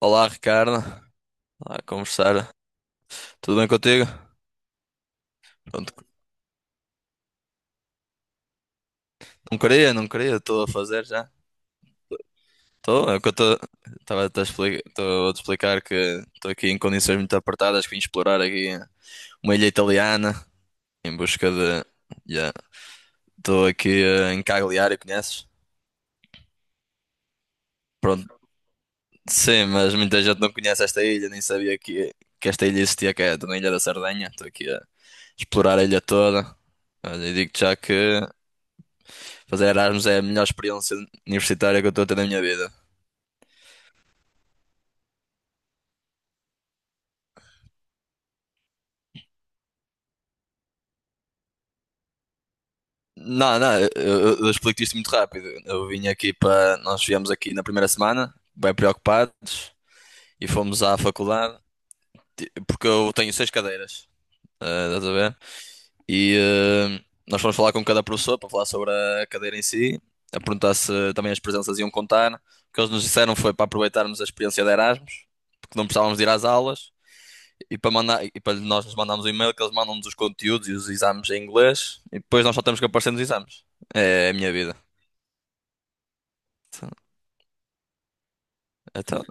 Olá, Ricardo. Olá, conversar. Tudo bem contigo? Pronto, não queria, não queria, estou a fazer já. Estou, é o que eu estou. Estava a te explicar, estou a te explicar que estou aqui em condições muito apertadas, que vim explorar aqui uma ilha italiana em busca de. Yeah. Estou aqui em Cagliari, conheces? Pronto, sim, mas muita gente não conhece esta ilha, nem sabia que esta ilha existia, que é na Ilha da Sardenha. Estou aqui a explorar a ilha toda. Olha, e digo-te já que fazer Erasmus é a melhor experiência universitária que eu estou a ter na minha vida. Não, não, eu explico-te isto muito rápido. Eu vim aqui para. Nós viemos aqui na primeira semana, bem preocupados, e fomos à faculdade, porque eu tenho seis cadeiras, estás a ver? E eh, nós fomos falar com cada professor para falar sobre a cadeira em si, a perguntar se também as presenças iam contar. O que eles nos disseram foi para aproveitarmos a experiência de Erasmus, porque não precisávamos de ir às aulas e para nós lhes mandarmos o e-mail que eles mandam-nos os conteúdos e os exames em inglês e depois nós só temos que aparecer nos exames. É a minha vida. Então, então,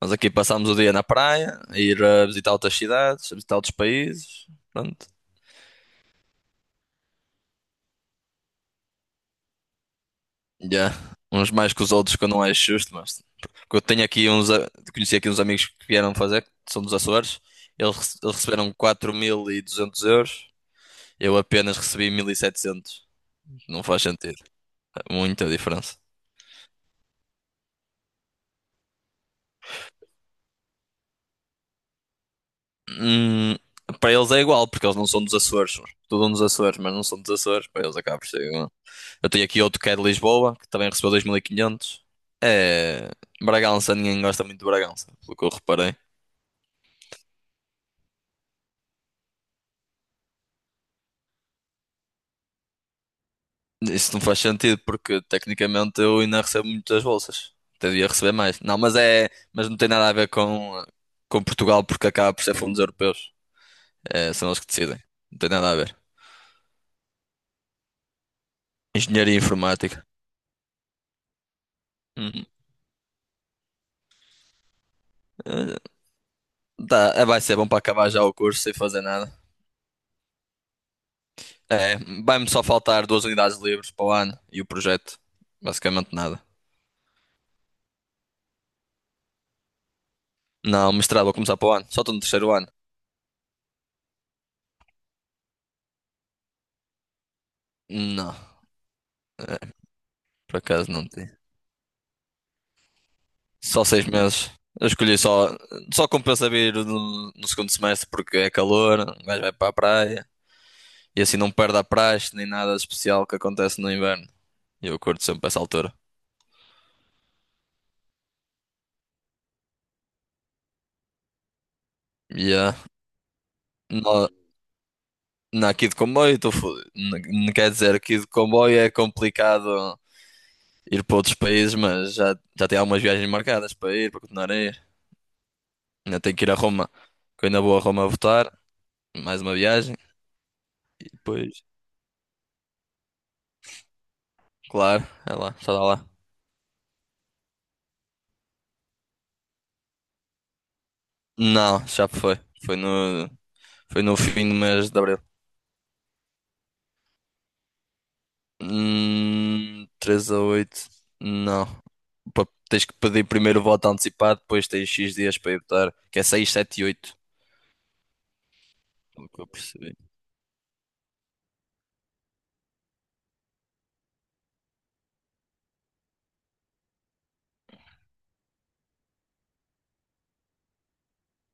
nós aqui passamos o dia na praia, a ir a visitar outras cidades, a visitar outros países. Pronto. Yeah. Uns mais que os outros que eu não acho justo, mas porque eu tenho aqui uns, conheci aqui uns amigos que vieram fazer, que são dos Açores. Eles receberam 4.200 euros. Eu apenas recebi 1.700. Não faz sentido. É muita diferença. Hum, para eles é igual, porque eles não são dos Açores. Estudam nos Açores, mas não são dos Açores. Para eles acaba por ser igual. Eu tenho aqui outro que é de Lisboa, que também recebeu 2.500. É... Bragança, ninguém gosta muito de Bragança, pelo que eu reparei. Isso não faz sentido, porque tecnicamente eu ainda recebo muitas bolsas. Até devia receber mais. Não, mas é... Mas não tem nada a ver com Portugal, porque acaba por ser fundos europeus. É, são eles que decidem. Não tem nada a ver. Engenharia informática. Uhum. Eh, Tá, vai ser bom para acabar já o curso sem fazer nada. É, vai-me só faltar duas unidades livres para o ano e o projeto. Basicamente nada. Não, mestrado vou começar para o ano. Só estou no terceiro ano. Não, é, por acaso não tenho. Só 6 meses. Eu escolhi só. Só compensa vir no segundo semestre porque é calor, o gajo vai para a praia e assim não perde a praxe nem nada de especial que acontece no inverno. E eu curto sempre essa altura. Yeah. No, na, aqui de comboio estou fodido. Quer dizer, aqui de comboio é complicado ir para outros países, mas já tenho algumas viagens marcadas para ir, para continuar a ir. Ainda tenho que ir a Roma, que eu ainda vou a Roma votar. Mais uma viagem. Depois, claro, é lá, está lá. Não, já foi. Foi no, foi no fim do mês de abril. 3 a oito. Não. Tens que pedir primeiro o voto antecipado, depois tens X dias para ir votar, que é 6, 7 e 8. Pelo que eu percebi.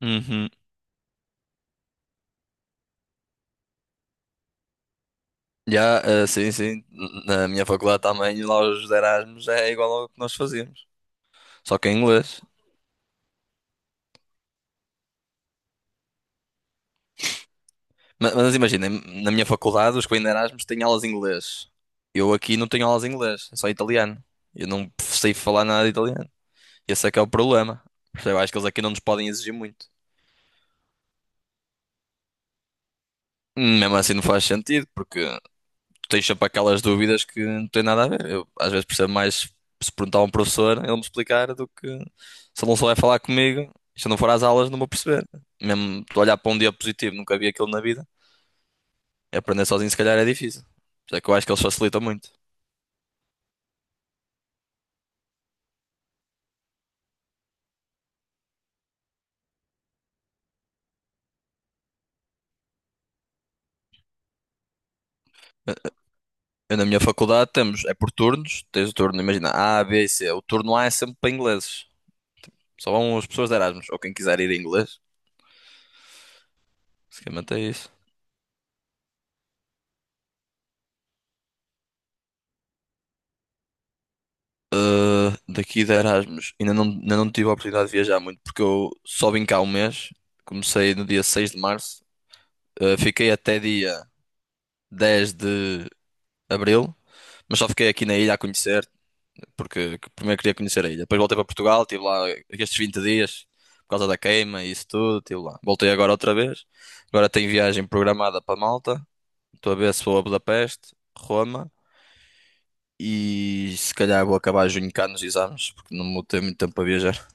Uhum. Já, sim, sim. Na minha faculdade também, lá os Erasmus é igual ao que nós fazíamos. Só que em inglês. Mas imaginem, na minha faculdade, os que vêm de Erasmus têm aulas em inglês. Eu aqui não tenho aulas em inglês, é só italiano. Eu não sei falar nada de italiano. Esse é que é o problema. Eu acho que eles aqui não nos podem exigir muito. Mesmo assim não faz sentido, porque tu tens sempre aquelas dúvidas que não têm nada a ver. Eu às vezes percebo mais se perguntar a um professor, ele me explicar, do que se ele não souber falar comigo, se eu não for às aulas não vou perceber. Mesmo tu olhar para um diapositivo, nunca vi aquilo na vida. Aprender sozinho se calhar é difícil. Por isso é que eu acho que eles facilitam muito. Eu, na minha faculdade temos, é por turnos, tens o turno, imagina, A, B e C. O turno A é sempre para ingleses. Só vão as pessoas de Erasmus, ou quem quiser ir em inglês. Basicamente é isso. Daqui de Erasmus, ainda não, tive a oportunidade de viajar muito, porque eu só vim cá um mês. Comecei no dia 6 de março. Fiquei até dia 10 de abril, mas só fiquei aqui na ilha a conhecer, porque primeiro queria conhecer a ilha. Depois voltei para Portugal, estive lá estes 20 dias por causa da queima e isso tudo, estive lá. Voltei agora outra vez. Agora tenho viagem programada para Malta. Estou a ver se vou a Budapeste, Roma e se calhar vou acabar junho cá nos exames, porque não vou ter muito tempo para viajar.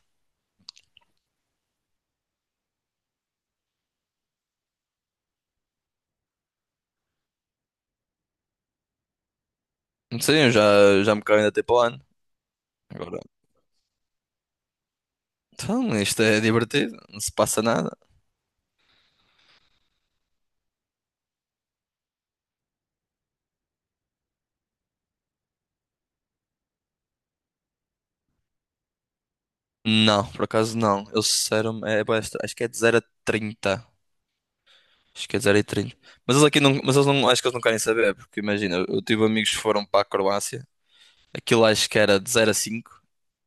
Não sei, eu já me caio ainda tempo ano. Agora, então, isto é divertido, não se passa nada. Não, por acaso não. Eu disseram, acho que é de 0 a 30. Acho que é 0,30. Mas eles aqui não, mas eles não, acho que eles não querem saber, porque imagina, eu tive amigos que foram para a Croácia, aquilo acho que era de 0 a 5.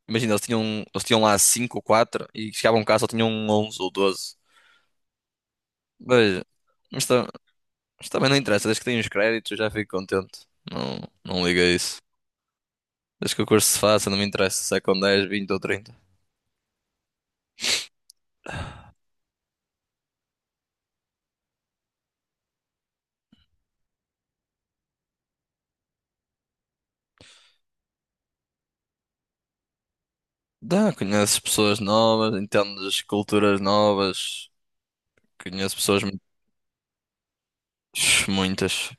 Imagina, eles tinham lá 5 ou 4 e chegavam cá só tinham 11 ou 12. Mas, mas, ta- mas também não interessa, desde que tenho os créditos eu já fico contente. Não, não liga a isso. Desde que o curso se faça, não me interessa se é com 10, 20 ou 30. Dá, conheces pessoas novas, entendes culturas novas, conheço pessoas. Muitas.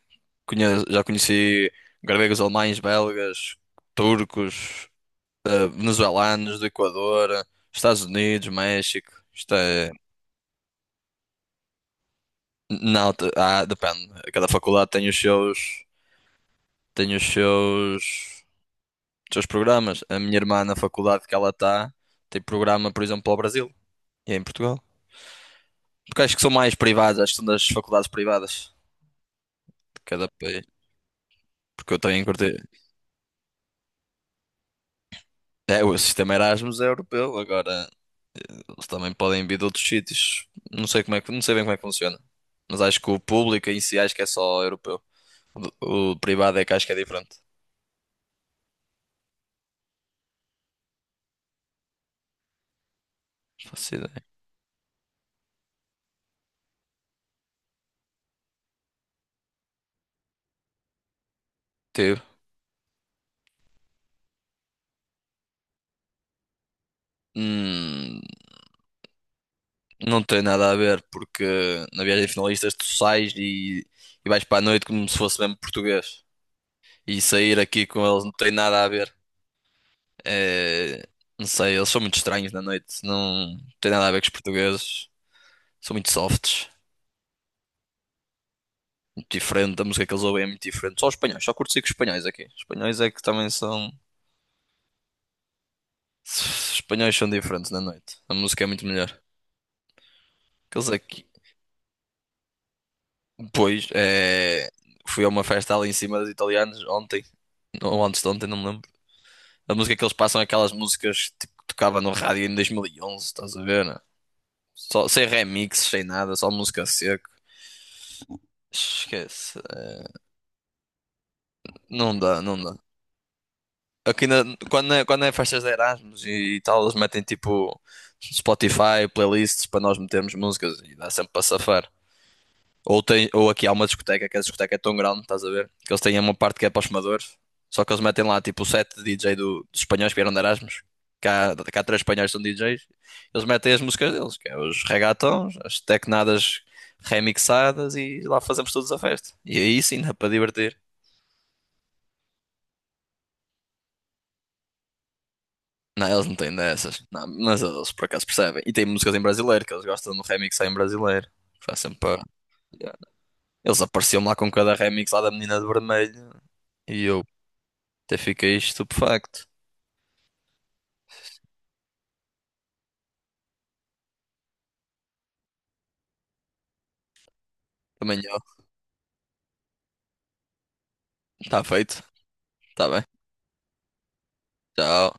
Já conheci gregos, alemães, belgas, turcos, venezuelanos, do Equador, Estados Unidos, México. Isto é. Não, ah, depende. Cada faculdade tem os seus programas. A minha irmã, na faculdade que ela está, tem programa, por exemplo, para o Brasil e é em Portugal. Porque acho que são mais privadas, acho que são das faculdades privadas de cada país. Porque eu tenho em curtir. É, o sistema Erasmus é europeu, agora. Eles também podem vir de outros sítios. Não sei como é que, não sei bem como é que funciona. Mas acho que o público em si acho que é só europeu. O privado é que acho que é diferente. Faço ideia. Teve. Hum, não tem nada a ver porque na viagem de finalistas tu sais e vais para a noite como se fosse mesmo português. E sair aqui com eles não tem nada a ver. É, não sei, eles são muito estranhos na noite. Não tem nada a ver com os portugueses. São muito softs. Muito diferente, a música que eles ouvem é muito diferente. Só os espanhóis, só curto com espanhóis aqui. Os espanhóis é que também são. Os espanhóis são diferentes na noite. A música é muito melhor. Aqueles aqui. Pois, é. Fui a uma festa ali em cima dos italianos ontem. Ou antes de ontem, não me lembro. A música que eles passam é aquelas músicas tipo, que tocava no rádio em 2011, estás a ver, né? Só, sem remixes, sem nada, só música seco. Esquece. Não dá, não dá. Aqui na- quando é festas de Erasmus e, tal, eles metem tipo Spotify, playlists para nós metermos músicas e dá sempre para safar. Ou aqui há uma discoteca, que é a discoteca é tão grande, estás a ver? Que eles têm uma parte que é para os fumadores, só que eles metem lá tipo o set de DJ dos espanhóis que vieram de Erasmus. Cá três espanhóis que são DJs, eles metem as músicas deles, que é os regatons, as tecnadas remixadas e lá fazemos todos a festa. E aí sim dá para divertir. Não, eles não têm dessas. Não, mas eles por acaso percebem. E tem músicas em brasileiro, que eles gostam do remix só em brasileiro. Faz sempre para... Eles apareciam lá com cada remix lá da menina de vermelho. E eu até fiquei estupefacto. Também eu. Está feito. Está bem. Tchau.